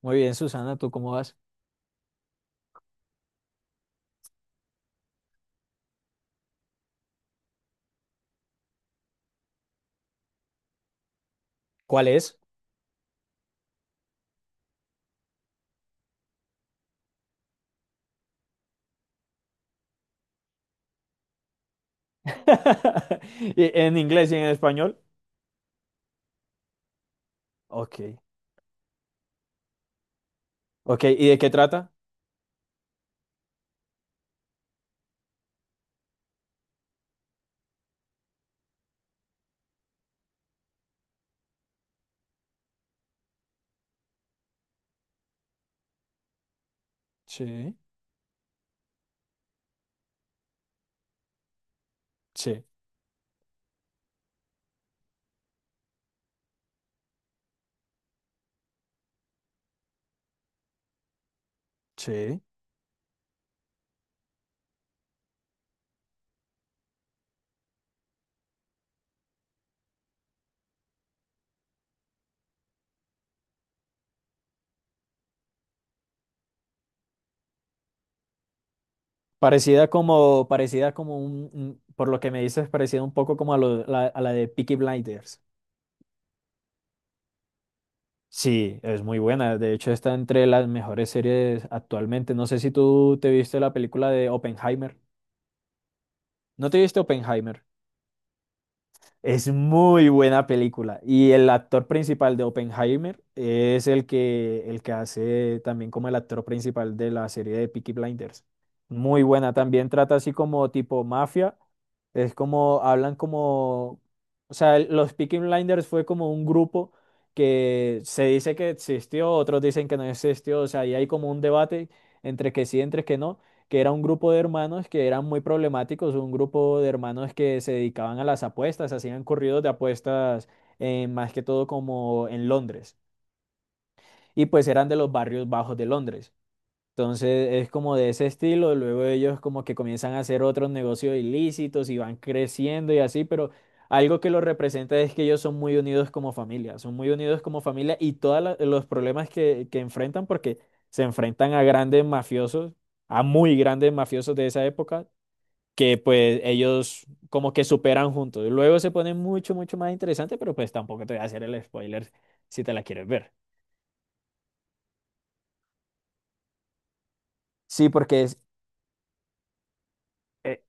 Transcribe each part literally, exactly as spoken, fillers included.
Muy bien, Susana, ¿tú cómo vas? ¿Cuál es? ¿Y ¿En inglés y en español? Ok, ok, ¿y de qué trata? Sí, sí, sí. Parecida como, parecida como un, un- por lo que me dices, parecida un poco como a, lo- la, a la de Peaky Blinders. Sí, es muy buena. De hecho, está entre las mejores series actualmente. No sé si tú te viste la película de Oppenheimer. ¿No te viste Oppenheimer? Es muy buena película. Y el actor principal de Oppenheimer es el que, el que hace también como el actor principal de la serie de Peaky Blinders. Muy buena. También trata así como tipo mafia. Es como, hablan como, o sea, el- los Peaky Blinders fue como un grupo que se dice que existió, otros dicen que no existió. O sea, ahí hay como un debate entre que sí, entre que no, que era un grupo de hermanos que eran muy problemáticos, un grupo de hermanos que se dedicaban a las apuestas, hacían corridos de apuestas eh, más que todo como en Londres, y pues eran de los barrios bajos de Londres. Entonces es como de ese estilo, luego ellos como que comienzan a hacer otros negocios ilícitos y van creciendo y así, pero algo que los representa es que ellos son muy unidos como familia, son muy unidos como familia y todos los problemas que, que enfrentan, porque se enfrentan a grandes mafiosos, a muy grandes mafiosos de esa época, que pues ellos como que superan juntos. Luego se pone mucho, mucho más interesante, pero pues tampoco te voy a hacer el spoiler si te la quieres ver. Sí, porque es, eh,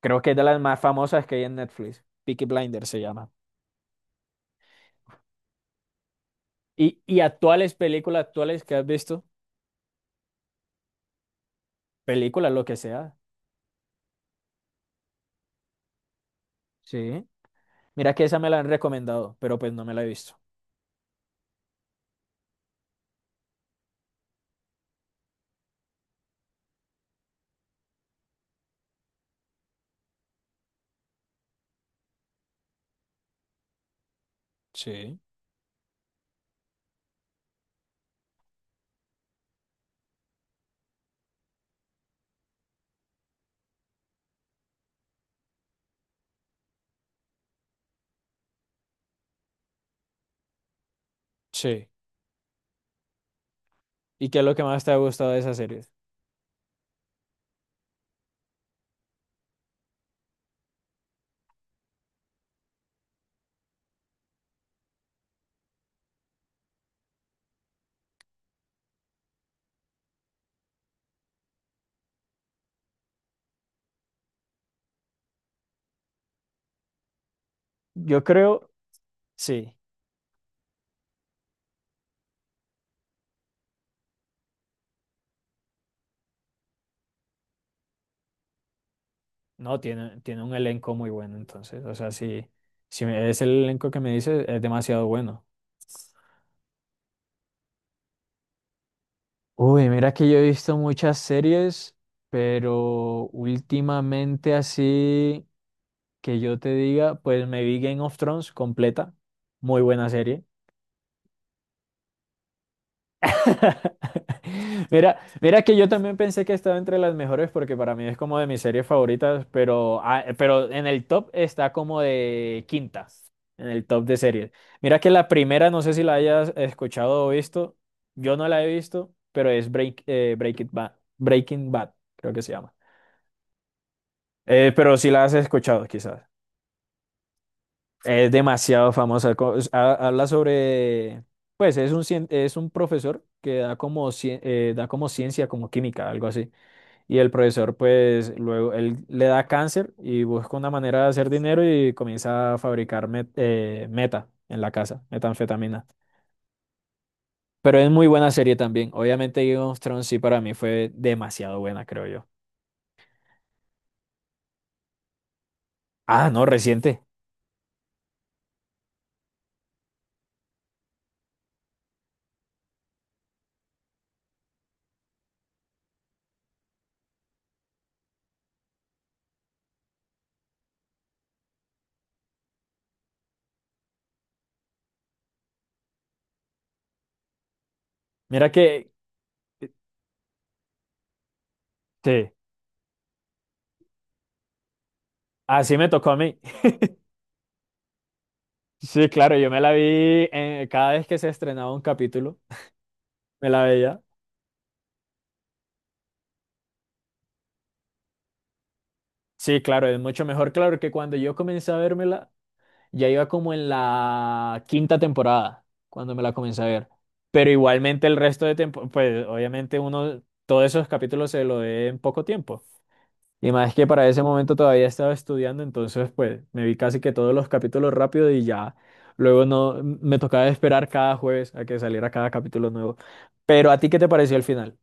creo que es de las más famosas que hay en Netflix. Peaky Blinders se llama. Y, y actuales, películas actuales que has visto, películas, lo que sea. Sí. Mira que esa me la han recomendado, pero pues no me la he visto. Sí, sí. ¿Y qué es lo que más te ha gustado de esa serie? Yo creo, sí. No, tiene, tiene un elenco muy bueno, entonces. O sea, si, si me- es el elenco que me dice, es demasiado bueno. Uy, mira que yo he visto muchas series, pero últimamente así que yo te diga, pues me vi Game of Thrones completa. Muy buena serie. Mira, mira que yo también pensé que estaba entre las mejores porque para mí es como de mis series favoritas, pero, ah, pero en el top está como de quintas, en el top de series. Mira que la primera, no sé si la hayas escuchado o visto, yo no la he visto, pero es Break, eh, Breaking Bad, Breaking Bad, creo que se llama. Eh, pero si la has escuchado, quizás. Es demasiado famosa. co- es- ha- Habla sobre, pues es un, cien- es un profesor que da como, cien- eh, da como ciencia, como química, algo así. Y el profesor, pues luego, él le da cáncer y busca una manera de hacer dinero y comienza a fabricar met- eh, meta en la casa, metanfetamina. Pero es muy buena serie también. Obviamente Game of Thrones sí para mí fue demasiado buena, creo yo. Ah, no, reciente. Mira que, eh, sí, así me tocó a mí. Sí, claro, yo me la vi eh, cada vez que se estrenaba un capítulo, me la veía. Sí, claro, es mucho mejor, claro, que cuando yo comencé a vérmela, ya iba como en la quinta temporada, cuando me la comencé a ver. Pero igualmente el resto de tiempo, pues obviamente uno, todos esos capítulos se lo ve en poco tiempo. Y más que para ese momento todavía estaba estudiando, entonces pues me vi casi que todos los capítulos rápido y ya. Luego no, me tocaba esperar cada jueves a que saliera cada capítulo nuevo. Pero ¿a ti qué te pareció el final?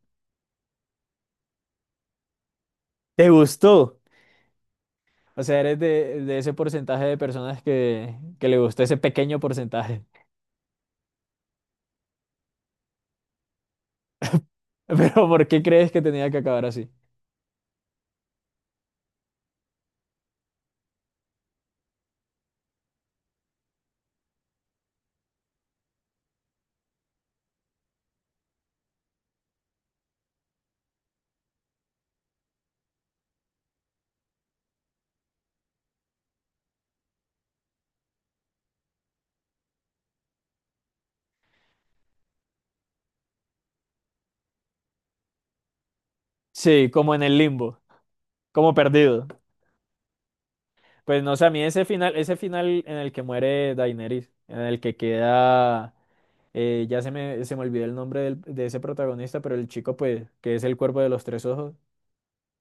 ¿Te gustó? O sea, eres de, de ese porcentaje de personas que, que le gustó ese pequeño porcentaje. Pero ¿por qué crees que tenía que acabar así? Sí, como en el limbo, como perdido. Pues no sé, a mí ese final, ese final en el que muere Daenerys, en el que queda, eh, ya se me, se me olvidó el nombre del- de ese protagonista, pero el chico, pues, que es el cuerpo de los tres ojos,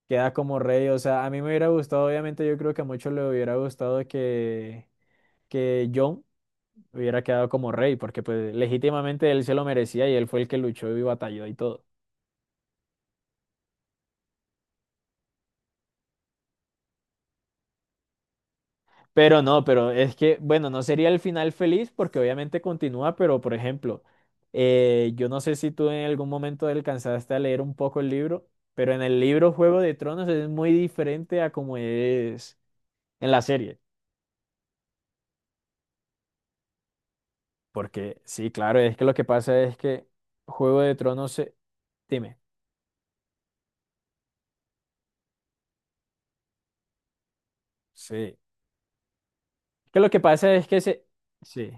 queda como rey. O sea, a mí me hubiera gustado, obviamente, yo creo que a muchos le hubiera gustado que, que Jon hubiera quedado como rey, porque pues legítimamente él se lo merecía y él fue el que luchó y batalló y todo. Pero no, pero es que, bueno, no sería el final feliz porque obviamente continúa, pero por ejemplo, eh, yo no sé si tú en algún momento alcanzaste a leer un poco el libro, pero en el libro Juego de Tronos es muy diferente a como es en la serie, porque sí, claro, es que lo que pasa es que Juego de Tronos se... Dime, sí. Que lo que pasa es que se... Sí.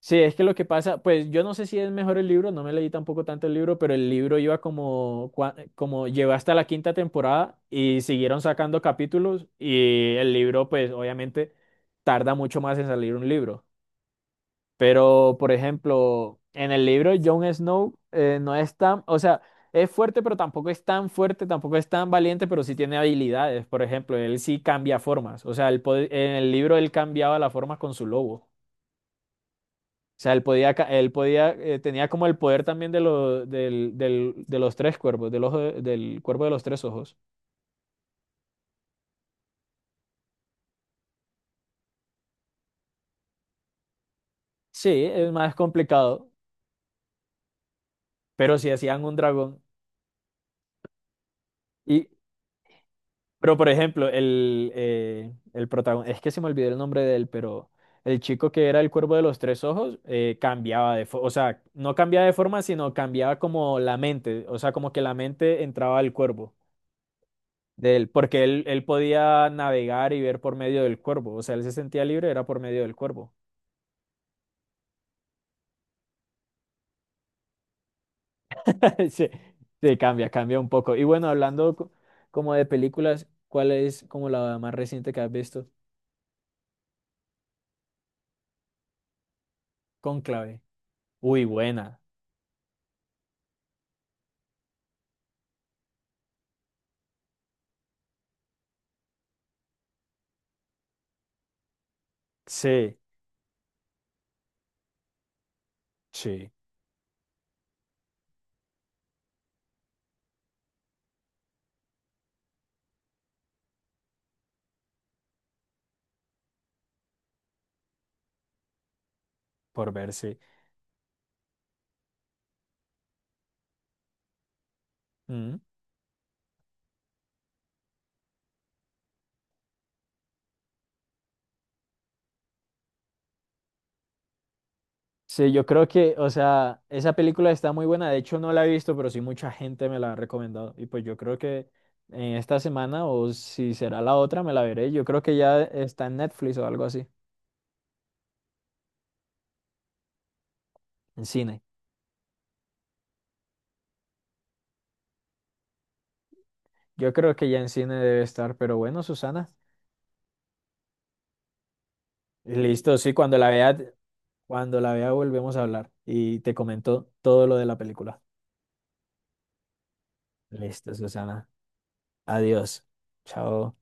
Sí, es que lo que pasa, pues yo no sé si es mejor el libro, no me leí tampoco tanto el libro, pero el libro iba como, cua- como llegó hasta la quinta temporada y siguieron sacando capítulos y el libro, pues obviamente tarda mucho más en salir un libro. Pero, por ejemplo, en el libro Jon Snow eh, no es tan, o sea, es fuerte, pero tampoco es tan fuerte, tampoco es tan valiente, pero sí tiene habilidades. Por ejemplo, él sí cambia formas, o sea, él pod- en el libro él cambiaba la forma con su lobo. O sea, él podía, ca- él podía, eh, tenía como el poder también de, lo- del- del- de los tres cuervos, del ojo, de- del cuervo de los tres ojos. Sí, es más complicado, pero si hacían un dragón. Y, pero por ejemplo, el, eh, el protagonista, es que se me olvidó el nombre de él, pero el chico que era el cuervo de los tres ojos eh, cambiaba de forma, o sea, no cambiaba de forma, sino cambiaba como la mente, o sea, como que la mente entraba al cuervo. De él, porque él, él podía navegar y ver por medio del cuervo, o sea, él se sentía libre, era por medio del cuervo. Sí, sí cambia, cambia un poco. Y bueno, hablando co- como de películas, ¿cuál es como la más reciente que has visto? Cónclave. Uy, buena. Sí, sí, por verse. Mm. Sí, yo creo que, o sea, esa película está muy buena. De hecho, no la he visto, pero sí mucha gente me la ha recomendado. Y pues yo creo que en esta semana, o si será la otra, me la veré. Yo creo que ya está en Netflix o algo así. En cine. Yo creo que ya en cine debe estar, pero bueno, Susana. Listo, sí, cuando la vea, cuando la vea volvemos a hablar y te comento todo lo de la película. Listo, Susana. Adiós. Chao.